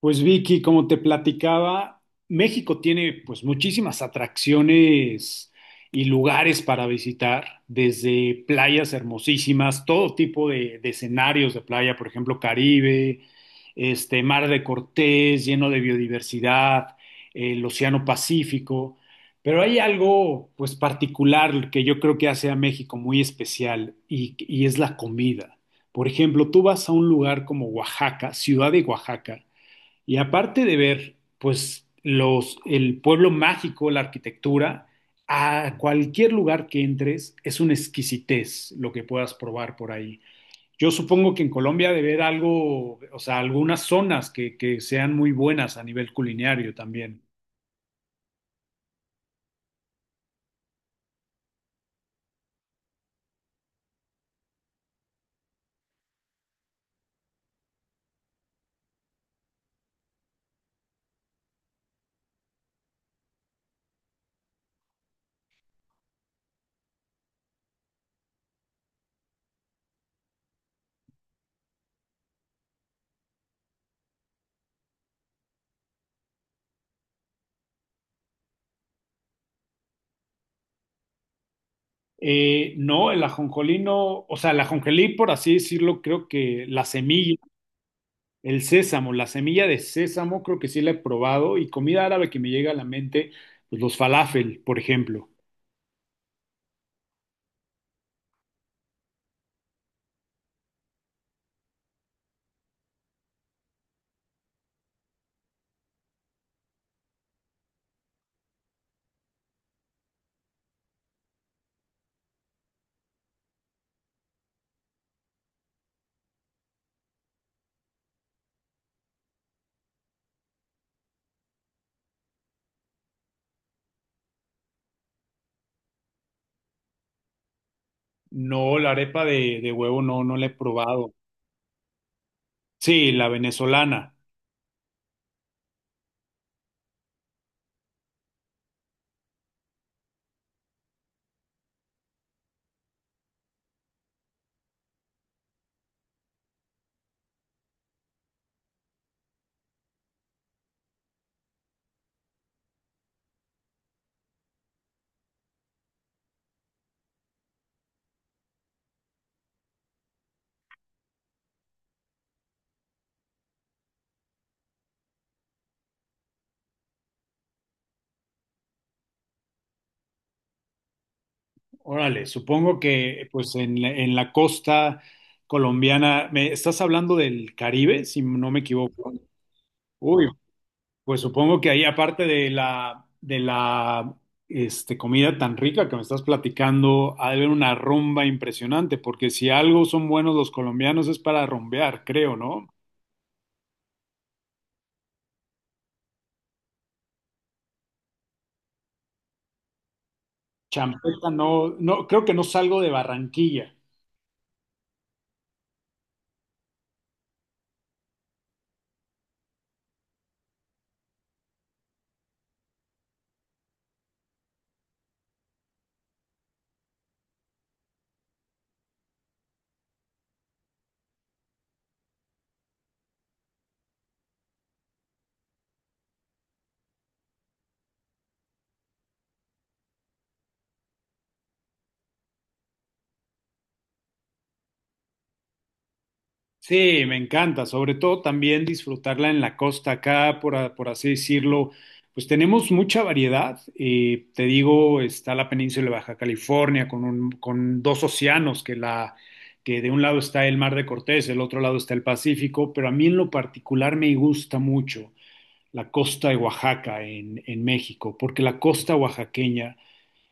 Pues Vicky, como te platicaba, México tiene pues muchísimas atracciones y lugares para visitar, desde playas hermosísimas, todo tipo de escenarios de playa, por ejemplo, Caribe, este Mar de Cortés, lleno de biodiversidad, el Océano Pacífico, pero hay algo pues particular que yo creo que hace a México muy especial y es la comida. Por ejemplo, tú vas a un lugar como Oaxaca, ciudad de Oaxaca, y aparte de ver, pues, los, el pueblo mágico, la arquitectura, a cualquier lugar que entres es una exquisitez lo que puedas probar por ahí. Yo supongo que en Colombia debe haber algo, o sea, algunas zonas que sean muy buenas a nivel culinario también. No, el ajonjolí no, o sea, el ajonjolí, por así decirlo, creo que la semilla, el sésamo, la semilla de sésamo, creo que sí la he probado y comida árabe que me llega a la mente, pues los falafel, por ejemplo. No, la arepa de huevo no, no la he probado. Sí, la venezolana. Órale, supongo que pues en, en la costa colombiana, ¿me estás hablando del Caribe, si no me equivoco? Uy, pues supongo que ahí aparte de la, este, comida tan rica que me estás platicando, ha de haber una rumba impresionante, porque si algo son buenos los colombianos es para rumbear, creo, ¿no? Champeta no, no, creo que no salgo de Barranquilla. Sí, me encanta, sobre todo también disfrutarla en la costa acá, por, por así decirlo, pues tenemos mucha variedad. Te digo, está la península de Baja California con, con dos océanos, que, la, que de un lado está el Mar de Cortés, del otro lado está el Pacífico, pero a mí en lo particular me gusta mucho la costa de Oaxaca en México, porque la costa oaxaqueña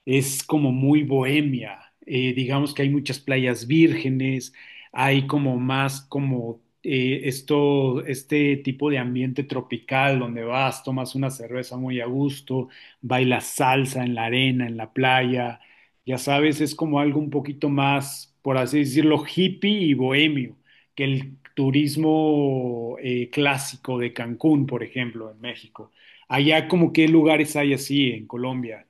es como muy bohemia. Digamos que hay muchas playas vírgenes, hay como más como esto, este tipo de ambiente tropical donde vas, tomas una cerveza muy a gusto, bailas salsa en la arena, en la playa, ya sabes, es como algo un poquito más, por así decirlo, hippie y bohemio que el turismo clásico de Cancún, por ejemplo, en México. Allá como qué lugares hay así en Colombia.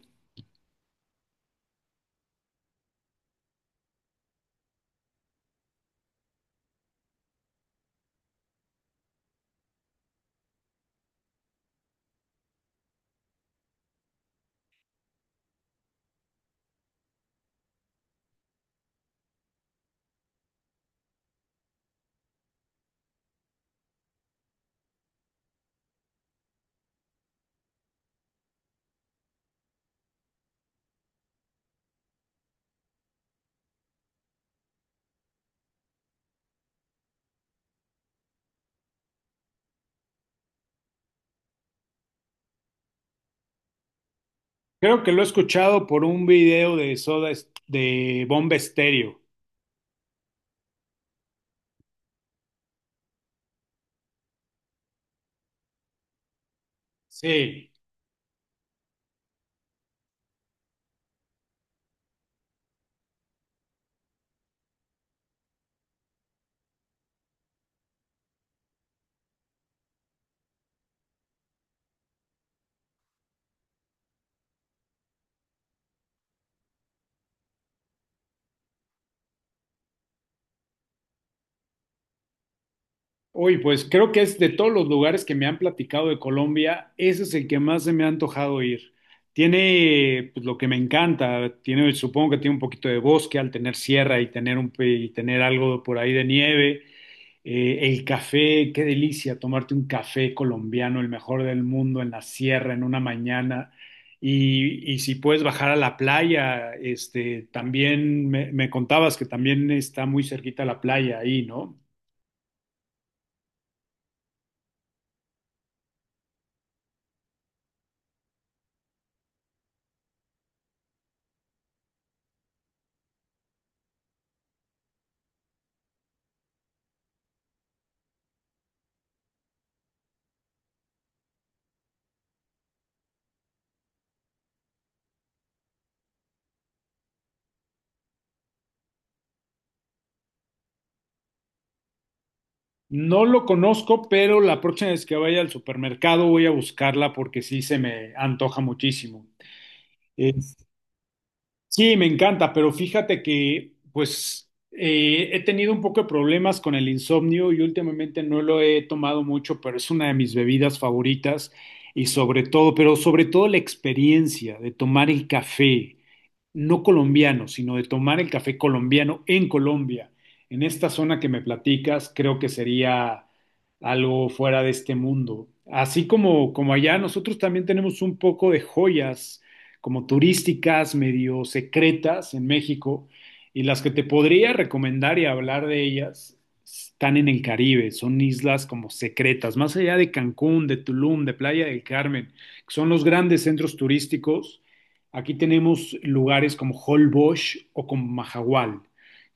Creo que lo he escuchado por un video de Soda de Bomba Estéreo. Sí. Uy, pues creo que es de todos los lugares que me han platicado de Colombia, ese es el que más se me ha antojado ir. Tiene pues, lo que me encanta, tiene, supongo que tiene un poquito de bosque al tener sierra y tener un, y tener algo por ahí de nieve. El café, qué delicia tomarte un café colombiano, el mejor del mundo, en la sierra, en una mañana. Y si puedes bajar a la playa, este, también me contabas que también está muy cerquita la playa ahí, ¿no? No lo conozco, pero la próxima vez que vaya al supermercado voy a buscarla porque sí se me antoja muchísimo. Eh, Sí, me encanta, pero fíjate que pues he tenido un poco de problemas con el insomnio y últimamente no lo he tomado mucho, pero es una de mis bebidas favoritas y sobre todo, pero sobre todo la experiencia de tomar el café no colombiano, sino de tomar el café colombiano en Colombia. En esta zona que me platicas, creo que sería algo fuera de este mundo. Así como, como allá, nosotros también tenemos un poco de joyas como turísticas, medio secretas en México, y las que te podría recomendar y hablar de ellas están en el Caribe, son islas como secretas, más allá de Cancún, de Tulum, de Playa del Carmen, que son los grandes centros turísticos. Aquí tenemos lugares como Holbox o como Mahahual,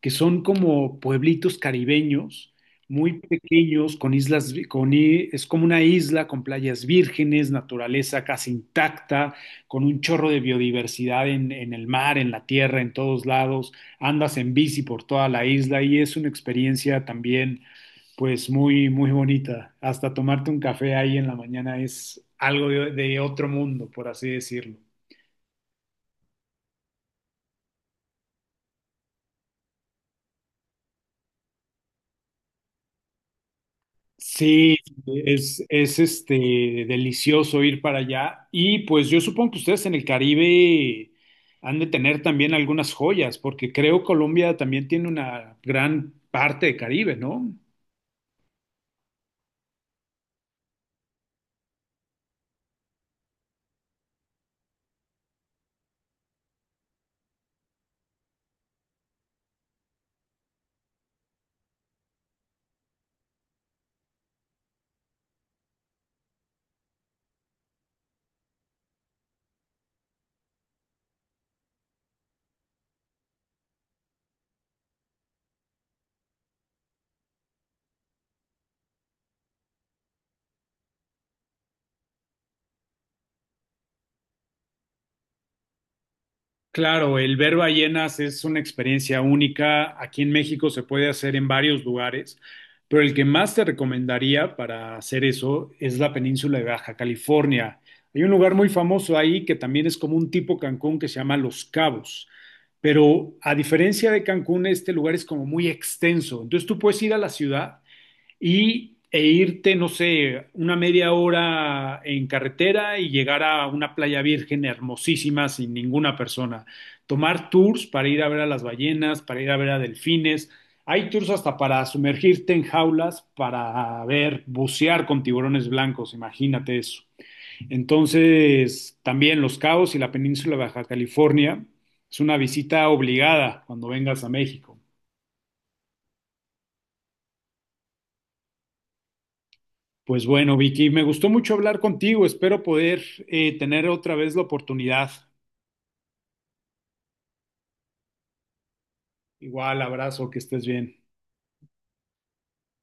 que son como pueblitos caribeños muy pequeños, con islas, es como una isla con playas vírgenes, naturaleza casi intacta, con un chorro de biodiversidad en el mar, en la tierra, en todos lados. Andas en bici por toda la isla y es una experiencia también, pues muy, muy bonita. Hasta tomarte un café ahí en la mañana es algo de otro mundo, por así decirlo. Sí, es este delicioso ir para allá. Y pues yo supongo que ustedes en el Caribe han de tener también algunas joyas, porque creo Colombia también tiene una gran parte de Caribe, ¿no? Claro, el ver ballenas es una experiencia única. Aquí en México se puede hacer en varios lugares, pero el que más te recomendaría para hacer eso es la península de Baja California. Hay un lugar muy famoso ahí que también es como un tipo Cancún que se llama Los Cabos, pero a diferencia de Cancún, este lugar es como muy extenso. Entonces tú puedes ir a la ciudad y, e irte, no sé, una media hora en carretera y llegar a una playa virgen hermosísima sin ninguna persona. Tomar tours para ir a ver a las ballenas, para ir a ver a delfines. Hay tours hasta para sumergirte en jaulas, para ver, bucear con tiburones blancos, imagínate eso. Entonces, también Los Cabos y la península de Baja California es una visita obligada cuando vengas a México. Pues bueno, Vicky, me gustó mucho hablar contigo. Espero poder tener otra vez la oportunidad. Igual, abrazo, que estés bien.